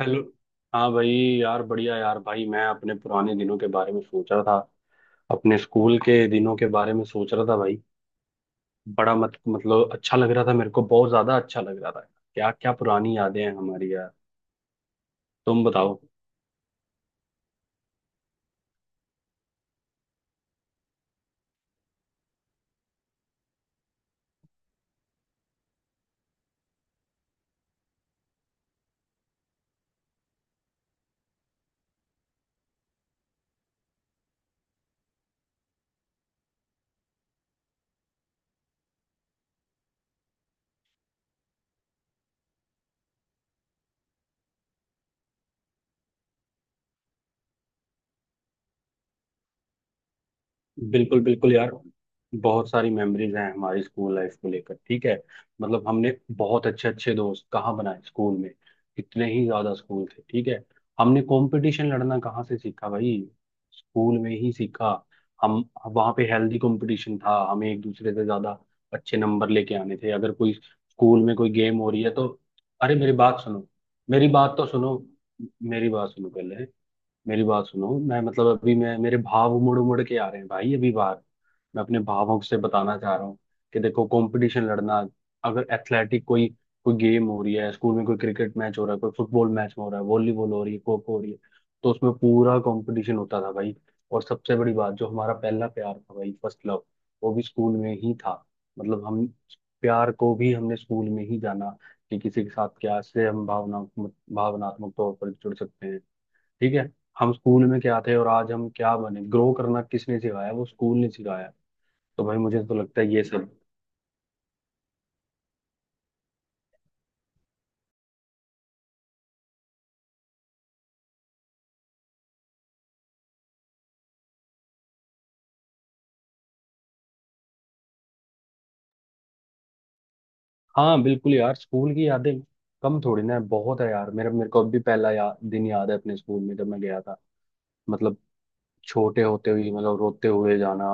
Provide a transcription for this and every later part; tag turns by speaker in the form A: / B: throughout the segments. A: Hello. हाँ भाई। यार बढ़िया यार, भाई मैं अपने पुराने दिनों के बारे में सोच रहा था, अपने स्कूल के दिनों के बारे में सोच रहा था भाई। बड़ा मत मतलब अच्छा लग रहा था, मेरे को बहुत ज्यादा अच्छा लग रहा था। क्या क्या पुरानी यादें हैं हमारी यार। तुम बताओ। बिल्कुल, बिल्कुल यार, बहुत सारी मेमोरीज हैं हमारी स्कूल लाइफ को लेकर। ठीक है। मतलब हमने बहुत अच्छे अच्छे दोस्त कहाँ बनाए स्कूल में। कितने ही ज्यादा स्कूल थे। ठीक है। हमने कंपटीशन लड़ना कहाँ से सीखा भाई? स्कूल में ही सीखा। हम, वहाँ पे हेल्दी कंपटीशन था, हमें एक दूसरे से ज्यादा अच्छे नंबर लेके आने थे। अगर कोई स्कूल में कोई गेम हो रही है तो। अरे मेरी बात सुनो। मेरी बात तो सुनो। मेरी बात सुनो पहले। मेरी बात सुनो, मैं मतलब अभी, मैं, मेरे भाव उमड़ उमड़ के आ रहे हैं भाई, अभी बाहर। मैं अपने भावों से बताना चाह रहा हूँ कि देखो, कंपटीशन लड़ना, अगर एथलेटिक कोई, कोई गेम हो रही है स्कूल में, कोई क्रिकेट मैच हो रहा है, कोई फुटबॉल मैच हो रहा है, वॉलीबॉल हो रही है, खो खो हो रही है, तो उसमें पूरा कंपटीशन होता था भाई। और सबसे बड़ी बात, जो हमारा पहला प्यार था भाई, फर्स्ट लव, वो भी स्कूल में ही था। मतलब हम, प्यार को भी हमने स्कूल में ही जाना, कि किसी के साथ क्या से हम भावनात्मक तौर पर जुड़ सकते हैं। ठीक है। हम स्कूल में क्या थे और आज हम क्या बने, ग्रो करना किसने सिखाया? वो स्कूल ने सिखाया। तो भाई, मुझे तो लगता है ये सब। हाँ बिल्कुल यार, स्कूल की यादें कम थोड़ी ना है, बहुत है यार, मेरा मेरे को अब भी पहला दिन याद है अपने स्कूल में जब मैं गया था। मतलब छोटे होते हुए, मतलब रोते हुए जाना,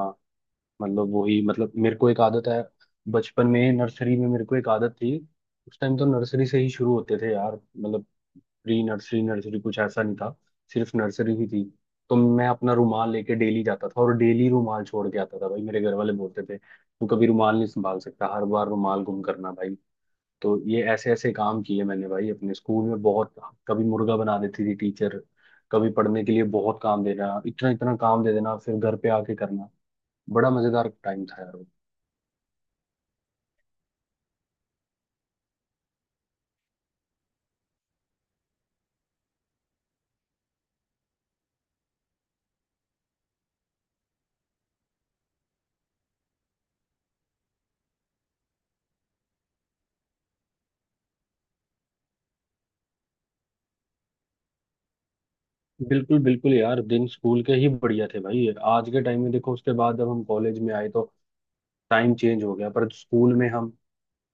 A: मतलब वही, मतलब मेरे को एक आदत है। बचपन में नर्सरी में मेरे को एक आदत थी। उस टाइम तो नर्सरी से ही शुरू होते थे यार, मतलब प्री नर्सरी, नर्सरी कुछ ऐसा नहीं था, सिर्फ नर्सरी ही थी। तो मैं अपना रुमाल लेके डेली जाता था और डेली रुमाल छोड़ के आता था भाई। मेरे घर वाले बोलते थे तू कभी रुमाल नहीं संभाल सकता, हर बार रुमाल गुम करना भाई। तो ये ऐसे ऐसे काम किए मैंने भाई अपने स्कूल में बहुत। कभी मुर्गा बना देती थी टीचर, कभी पढ़ने के लिए बहुत काम देना, इतना इतना काम दे देना फिर घर पे आके करना। बड़ा मजेदार टाइम था यार वो। बिल्कुल, बिल्कुल यार, दिन स्कूल के ही बढ़िया थे भाई। आज के टाइम में देखो, उसके बाद जब हम कॉलेज में आए तो टाइम चेंज हो गया, पर स्कूल में हम,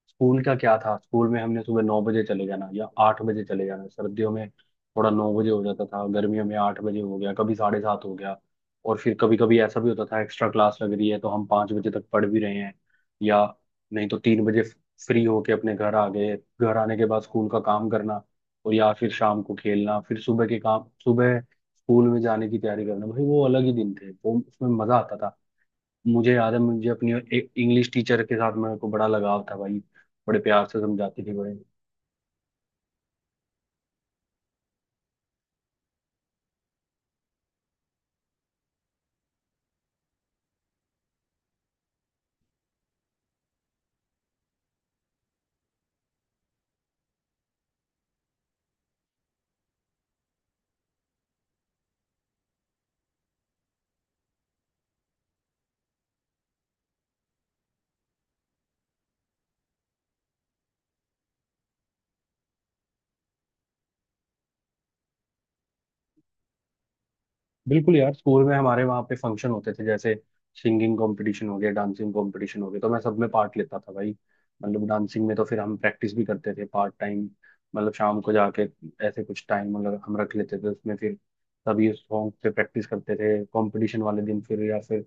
A: स्कूल का क्या था, स्कूल में हमने सुबह 9 बजे चले जाना या 8 बजे चले जाना, सर्दियों में थोड़ा 9 बजे हो जाता था, गर्मियों में 8 बजे हो गया, कभी 7:30 हो गया। और फिर कभी कभी ऐसा भी होता था एक्स्ट्रा क्लास लग रही है तो हम 5 बजे तक पढ़ भी रहे हैं, या नहीं तो 3 बजे फ्री होके अपने घर आ गए। घर आने के बाद स्कूल का काम करना, और या फिर शाम को खेलना, फिर सुबह के काम, सुबह स्कूल में जाने की तैयारी करना भाई। वो अलग ही दिन थे, वो उसमें मजा आता था। मुझे याद है, मुझे अपनी एक इंग्लिश टीचर के साथ मेरे को बड़ा लगाव था भाई, बड़े प्यार से समझाती थी बड़े। बिल्कुल यार, स्कूल में हमारे वहाँ पे फंक्शन होते थे, जैसे सिंगिंग कंपटीशन हो गया, डांसिंग कंपटीशन हो गया, तो मैं सब में पार्ट लेता था भाई। मतलब डांसिंग में तो फिर हम प्रैक्टिस भी करते थे पार्ट टाइम, मतलब शाम को जाके ऐसे कुछ टाइम मतलब हम रख लेते थे, उसमें फिर सभी सॉन्ग पे प्रैक्टिस करते थे कंपटीशन वाले दिन, फिर या फिर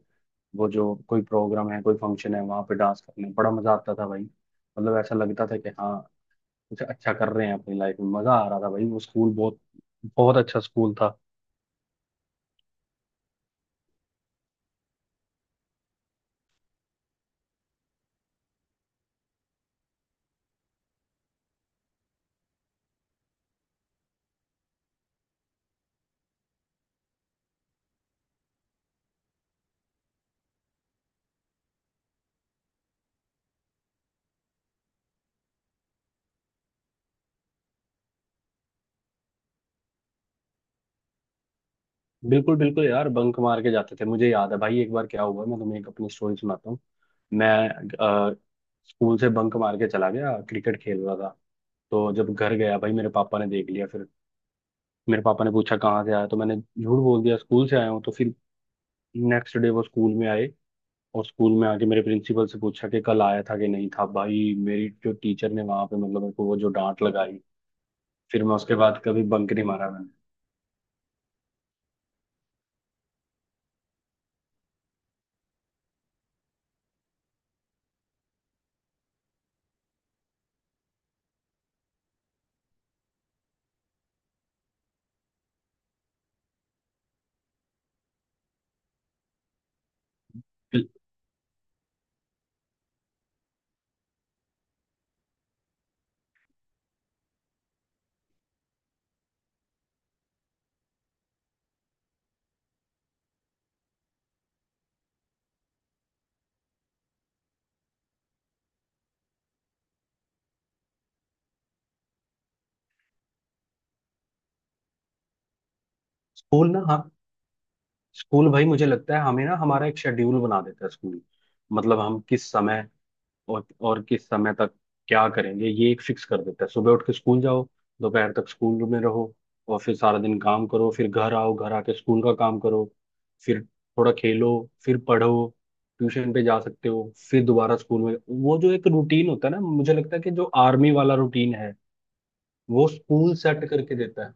A: वो जो कोई प्रोग्राम है कोई फंक्शन है, वहाँ पे डांस करने में बड़ा मजा आता था भाई, मतलब ऐसा लगता था कि हाँ, कुछ अच्छा कर रहे हैं अपनी लाइफ में। मजा आ रहा था भाई, वो स्कूल बहुत, बहुत अच्छा स्कूल था। बिल्कुल, बिल्कुल यार, बंक मार के जाते थे, मुझे याद है भाई। एक बार क्या हुआ, मैं तुम्हें एक अपनी स्टोरी सुनाता हूँ। मैं अ, स्कूल से बंक मार के चला गया, क्रिकेट खेल रहा था। तो जब घर गया भाई, मेरे पापा ने देख लिया। फिर मेरे पापा ने पूछा कहाँ से आया, तो मैंने झूठ बोल दिया स्कूल से आया हूँ। तो फिर नेक्स्ट डे वो स्कूल में आए, और स्कूल में आके मेरे प्रिंसिपल से पूछा कि कल आया था कि नहीं था। भाई, मेरी जो टीचर ने वहां पे, मतलब मेरे को वो जो डांट लगाई। फिर मैं उसके बाद कभी बंक नहीं मारा मैंने। स्कूल ना, हाँ। स्कूल भाई मुझे लगता है हमें ना, हमारा एक शेड्यूल बना देता है स्कूल, मतलब हम किस समय और किस समय तक क्या करेंगे, ये एक फिक्स कर देता है। सुबह उठ के स्कूल जाओ, दोपहर तक स्कूल में रहो, और फिर सारा दिन काम करो, फिर घर आओ, घर आके स्कूल का काम करो, फिर थोड़ा खेलो, फिर पढ़ो, ट्यूशन पे जा सकते हो, फिर दोबारा स्कूल में। वो जो एक रूटीन होता है ना, मुझे लगता है कि जो आर्मी वाला रूटीन है, वो स्कूल सेट करके देता है।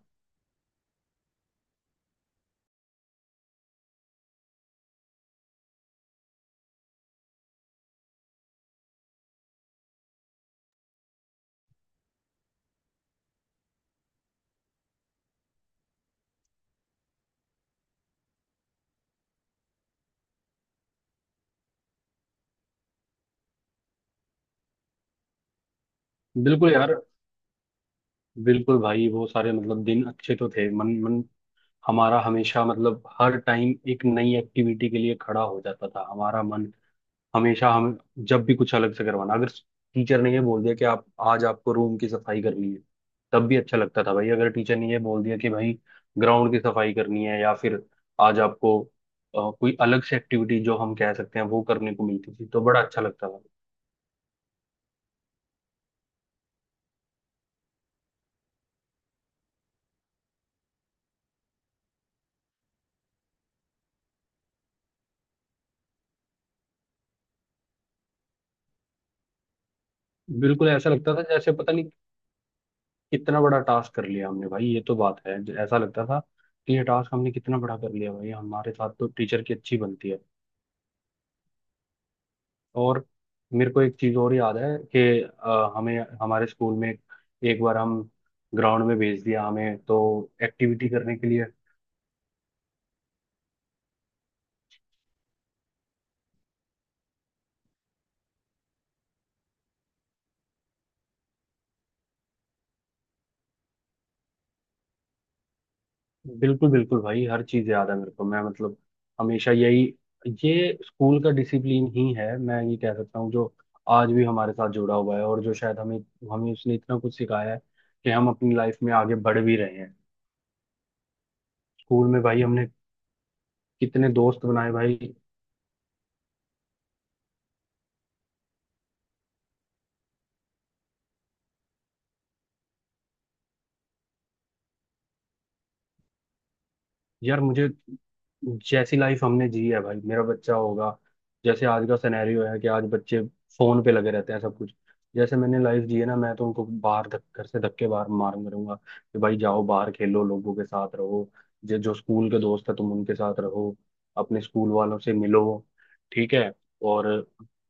A: बिल्कुल यार, बिल्कुल भाई, वो सारे, मतलब, दिन अच्छे तो थे। मन मन हमारा हमेशा, मतलब हर टाइम एक नई एक्टिविटी के लिए खड़ा हो जाता था हमारा मन। हमेशा हम जब भी कुछ अलग से करवाना, अगर टीचर ने ये बोल दिया कि आप आज आपको रूम की सफाई करनी है, तब भी अच्छा लगता था भाई। अगर टीचर ने ये बोल दिया कि भाई ग्राउंड की सफाई करनी है, या फिर आज आपको कोई अलग से एक्टिविटी, जो हम कह सकते हैं, वो करने को मिलती थी, तो बड़ा अच्छा लगता था। बिल्कुल ऐसा लगता था जैसे पता नहीं कितना बड़ा टास्क कर लिया हमने भाई, ये तो बात है ऐसा लगता था कि ये टास्क हमने कितना बड़ा कर लिया भाई। हमारे साथ तो टीचर की अच्छी बनती है। और मेरे को एक चीज और याद है कि हमें हमारे स्कूल में एक बार हम ग्राउंड में भेज दिया हमें, तो एक्टिविटी करने के लिए। बिल्कुल, बिल्कुल भाई, हर चीज याद है मेरे को, मैं मतलब हमेशा यही, ये स्कूल का डिसिप्लिन ही है, मैं ये कह सकता हूँ, जो आज भी हमारे साथ जुड़ा हुआ है, और जो शायद हमें हमें उसने इतना कुछ सिखाया है कि हम अपनी लाइफ में आगे बढ़ भी रहे हैं। स्कूल में भाई हमने कितने दोस्त बनाए भाई। यार मुझे, जैसी लाइफ हमने जी है भाई मेरा बच्चा होगा, जैसे आज का सिनेरियो है कि आज बच्चे फोन पे लगे रहते हैं सब कुछ, जैसे मैंने लाइफ जी है ना, मैं तो उनको बाहर घर से धक्के बाहर मार करूंगा कि भाई जाओ बाहर खेलो, लोगों के साथ रहो। जो जो स्कूल के दोस्त है तुम उनके साथ रहो, अपने स्कूल वालों से मिलो। ठीक है। और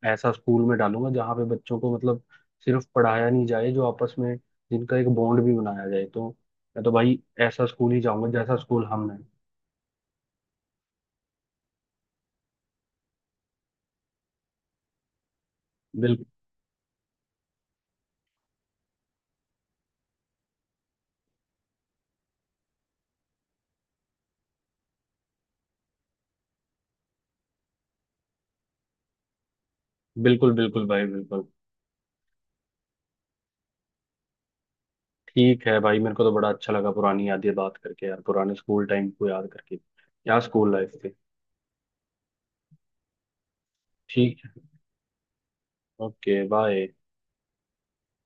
A: ऐसा स्कूल में डालूंगा जहाँ पे बच्चों को, मतलब सिर्फ पढ़ाया नहीं जाए, जो आपस में, जिनका एक बॉन्ड भी बनाया जाए। तो मैं तो भाई ऐसा स्कूल ही जाऊंगा जैसा स्कूल हमने। बिल, बिल्कुल, बिल्कुल भाई, बिल्कुल। ठीक है भाई, मेरे को तो बड़ा अच्छा लगा पुरानी यादें बात करके यार, पुराने स्कूल टाइम को याद करके क्या स्कूल लाइफ थी। ठीक है। ओके। बाय।